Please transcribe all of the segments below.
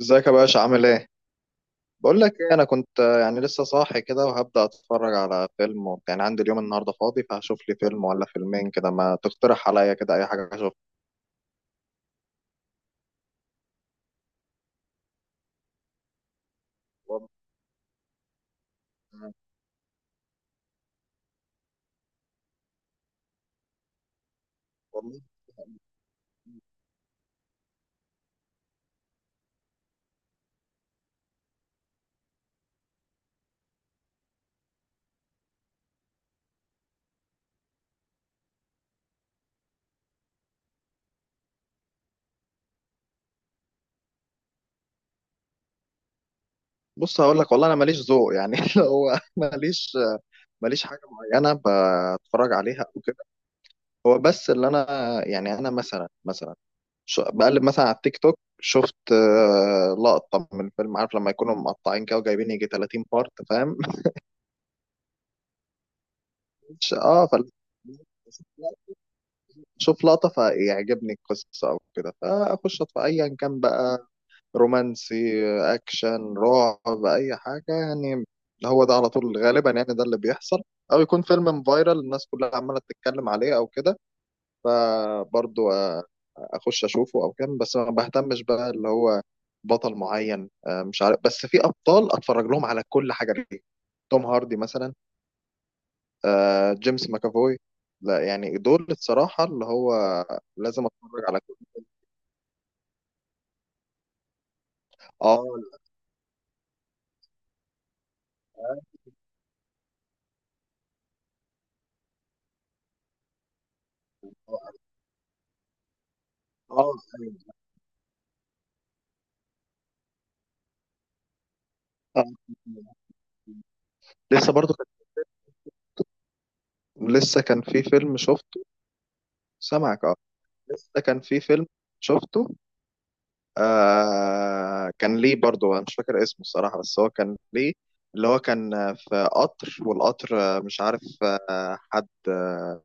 ازيك يا باشا عامل ايه؟ بقول لك ايه، انا كنت يعني لسه صاحي كده وهبدأ اتفرج على فيلم يعني عندي اليوم النهارده فاضي، فهشوف لي فيلم ولا فيلمين كده. ما تقترح عليا كده اي حاجه اشوفها. والله. والله. بص هقول لك، والله انا ماليش ذوق يعني اللي هو ماليش، ماليش حاجه معينه بتفرج عليها او كده. هو بس اللي انا يعني، انا مثلا مثلا بقلب مثلا على التيك توك، شفت لقطه من الفيلم. عارف لما يكونوا مقطعين كده وجايبين يجي 30 بارت، فاهم؟ اه، فال شوف لقطة فيعجبني القصة أو كده، فأخش أطفى أيا كان بقى. رومانسي، أكشن، رعب، أي حاجة يعني. هو ده على طول غالبا، يعني ده اللي بيحصل. أو يكون فيلم فايرال الناس كلها عمالة تتكلم عليه أو كده. فبرضو أخش أشوفه أو كده، بس ما بهتمش بقى اللي هو بطل معين. مش عارف، بس في أبطال أتفرج لهم على كل حاجة ليه. توم هاردي مثلا. جيمس ماكافوي. لا يعني دول الصراحة اللي هو لازم أتفرج على. اه، اه. آه. آه. لسه برضو كان، لسه كان في فيلم شفته. سامعك، اه. لسه كان في فيلم شفته. آه، كان ليه برضو. انا مش فاكر اسمه الصراحة، بس هو كان ليه اللي هو، كان في قطر، والقطر مش عارف. حد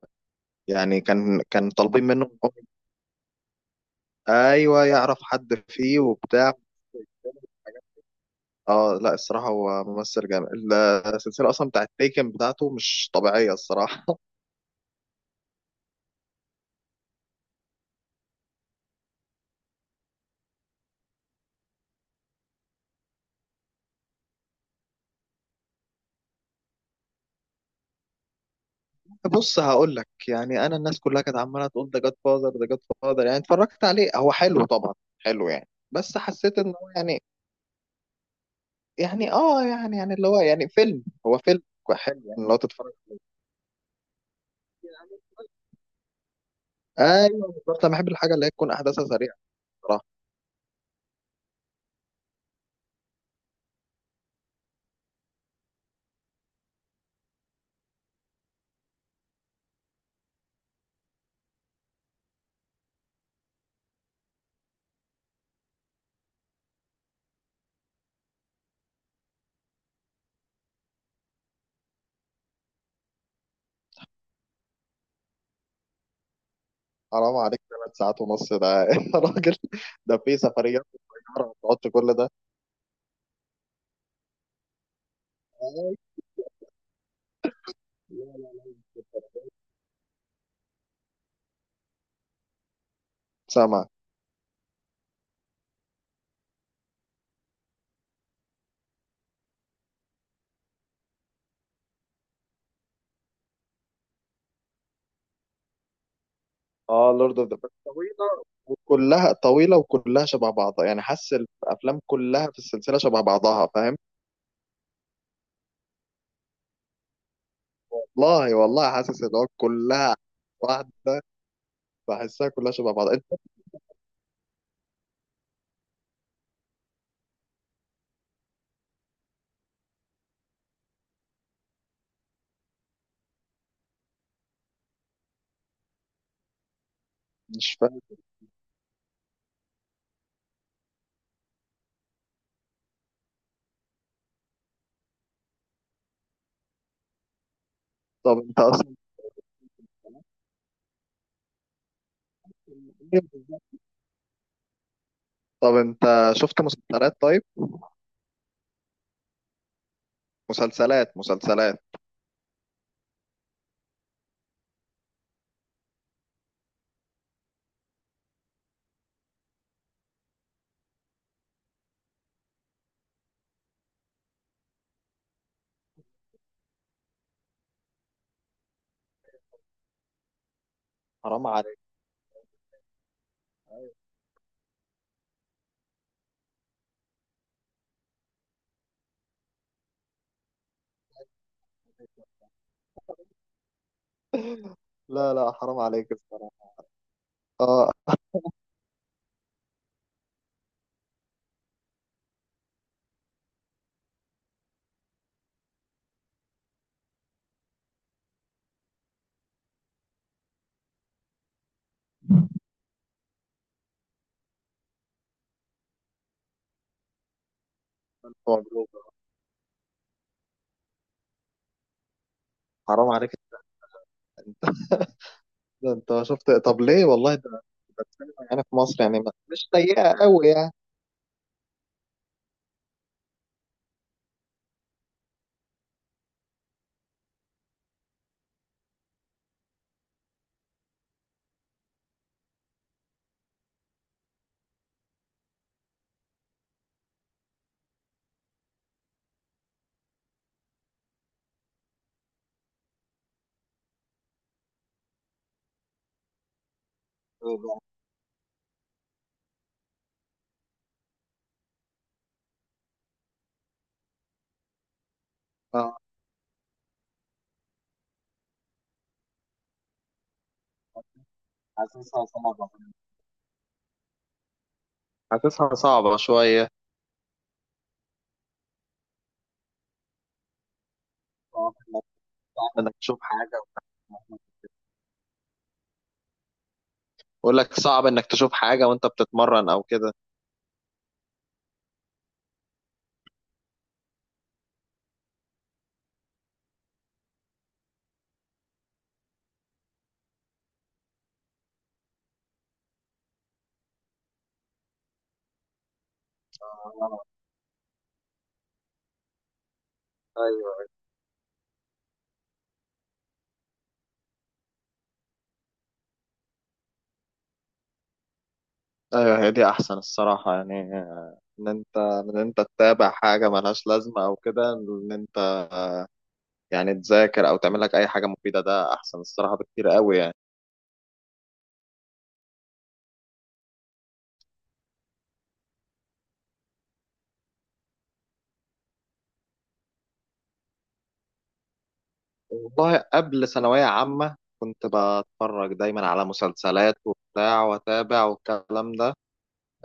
يعني كان طالبين منه إن هو. ايوه، يعرف حد فيه وبتاع. اه، لا الصراحة هو ممثل جامد. السلسلة اصلا بتاعت تيكن بتاعته مش طبيعية الصراحة. بص هقول لك، يعني انا الناس كلها كانت عماله تقول ده جاد فاذر، ده جاد فاذر. يعني اتفرجت عليه، هو حلو طبعا، حلو يعني، بس حسيت ان هو يعني. يعني اه، يعني يعني اللي هو يعني فيلم، هو فيلم حلو يعني لو تتفرج. ايوه بالظبط، انا بحب الحاجه اللي هي تكون احداثها سريعه بصراحه. حرام عليك، ثلاث ساعات ونص ده! يا راجل، ده في سفريات صغيره وتقعد كل ده. أيوه. لا لا لا. سامع، اه. لورد اوف ذا رينجز طويله، وكلها طويله وكلها شبه بعضها. يعني حاسس الافلام كلها في السلسله شبه بعضها، فاهم؟ والله، والله حاسس ان هو كلها واحده. بحسها كلها شبه بعضها انت. مش فاهم. طب انت اصلا. طب انت شفت مسلسلات طيب؟ مسلسلات. حرام عليك. لا لا، حرام عليك الصراحه. اه. ألف مبروك. حرام عليك، ده انت شفت. طب ليه؟ والله ده، ده السينما يعني في مصر يعني، مش سيئه قوي يعني. اه، حاسسها صعبة. حاسسها صعبة شوية. صعب إنك، صعب انك تشوف حاجة وتعملها. بقول لك صعب انك تشوف حاجة وانت بتتمرن او كده. آه، أيوه. ايوه هي دي احسن الصراحة، يعني ان انت من انت تتابع حاجة ملهاش لازمة، او كده ان انت يعني تذاكر او تعمل لك اي حاجة مفيدة، ده احسن الصراحة بكتير قوي يعني. والله قبل ثانوية عامة كنت بتفرج دايما على مسلسلات وبتاع، واتابع والكلام ده.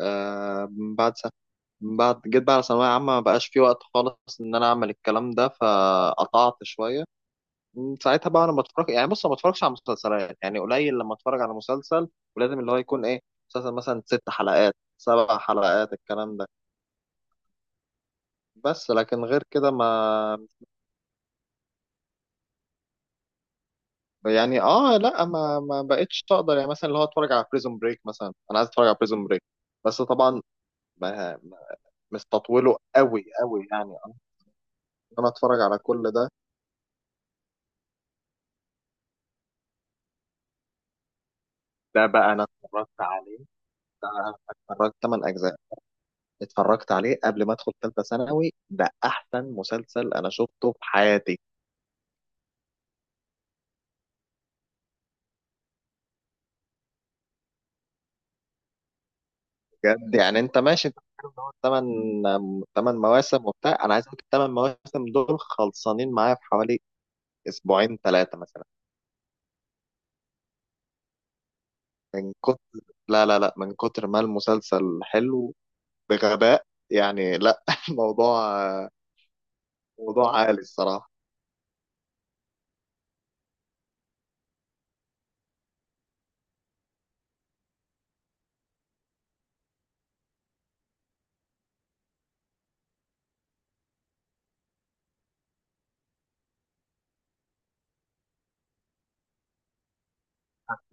آه، من بعد سنة، من بعد جيت بقى على ثانوية عامة، ما بقاش في وقت خالص إن أنا أعمل الكلام ده، فقطعت شوية. من ساعتها بقى أنا بتفرج، يعني بص ما بتفرجش على مسلسلات، يعني قليل لما أتفرج على مسلسل، ولازم اللي هو يكون إيه، مسلسل مثلا ست حلقات، سبع حلقات الكلام ده. بس لكن غير كده ما. يعني اه، لا ما ما بقتش تقدر. يعني مثلا اللي هو اتفرج على بريزون بريك مثلا، انا عايز اتفرج على بريزون بريك بس طبعا ما- ما- مستطوله قوي قوي، يعني ان انا اتفرج على كل ده. ده بقى انا اتفرجت عليه. ده أنا اتفرجت 8 اجزاء. اتفرجت عليه قبل ما ادخل ثالثه ثانوي، ده احسن مسلسل انا شفته في حياتي. بجد يعني. انت ماشي انت بتتكلم إن هو تمن مواسم وبتاع، انا عايز اقول لك الثمان مواسم دول خلصانين معايا في حوالي اسبوعين ثلاثه مثلا. من كتر، لا لا لا، من كتر ما المسلسل حلو، بغباء يعني، لا موضوع، موضوع عالي الصراحه.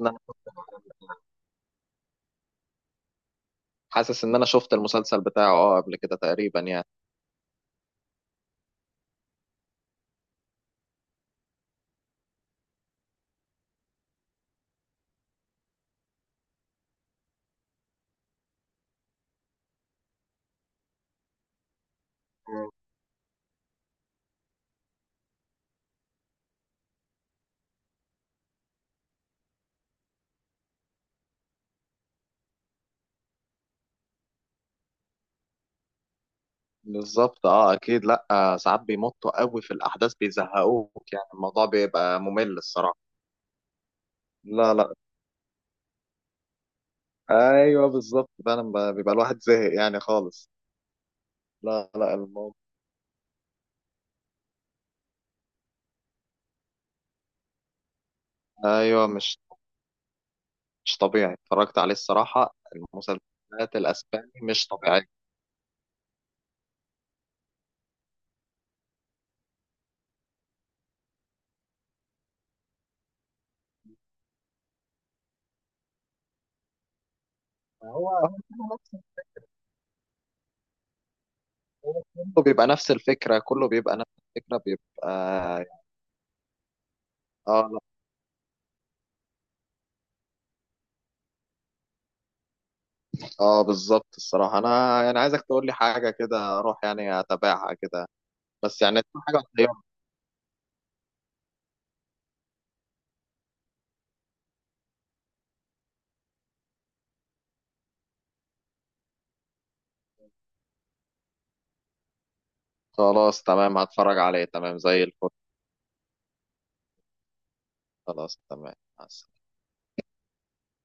أنا حاسس ان انا شفت المسلسل بتاعه اه قبل كده تقريبا يعني. بالظبط، اه اكيد. لا ساعات بيمطوا قوي في الاحداث بيزهقوك، يعني الموضوع بيبقى ممل الصراحه. لا لا. ايوه بالظبط فعلا، بيبقى الواحد زهق يعني خالص. لا لا الموضوع. ايوه، مش طبيعي. اتفرجت عليه الصراحه، المسلسلات الاسباني مش طبيعيه. هو، هو كله نفس، هو كله بيبقى نفس الفكره، كله بيبقى نفس الفكره، بيبقى يعني. اه، لا اه بالظبط الصراحه. انا يعني عايزك تقول لي حاجه كده اروح يعني اتابعها كده، بس يعني تكون حاجه. خلاص تمام، هتفرج عليه تمام زي الفل. خلاص تمام، مع السلامة.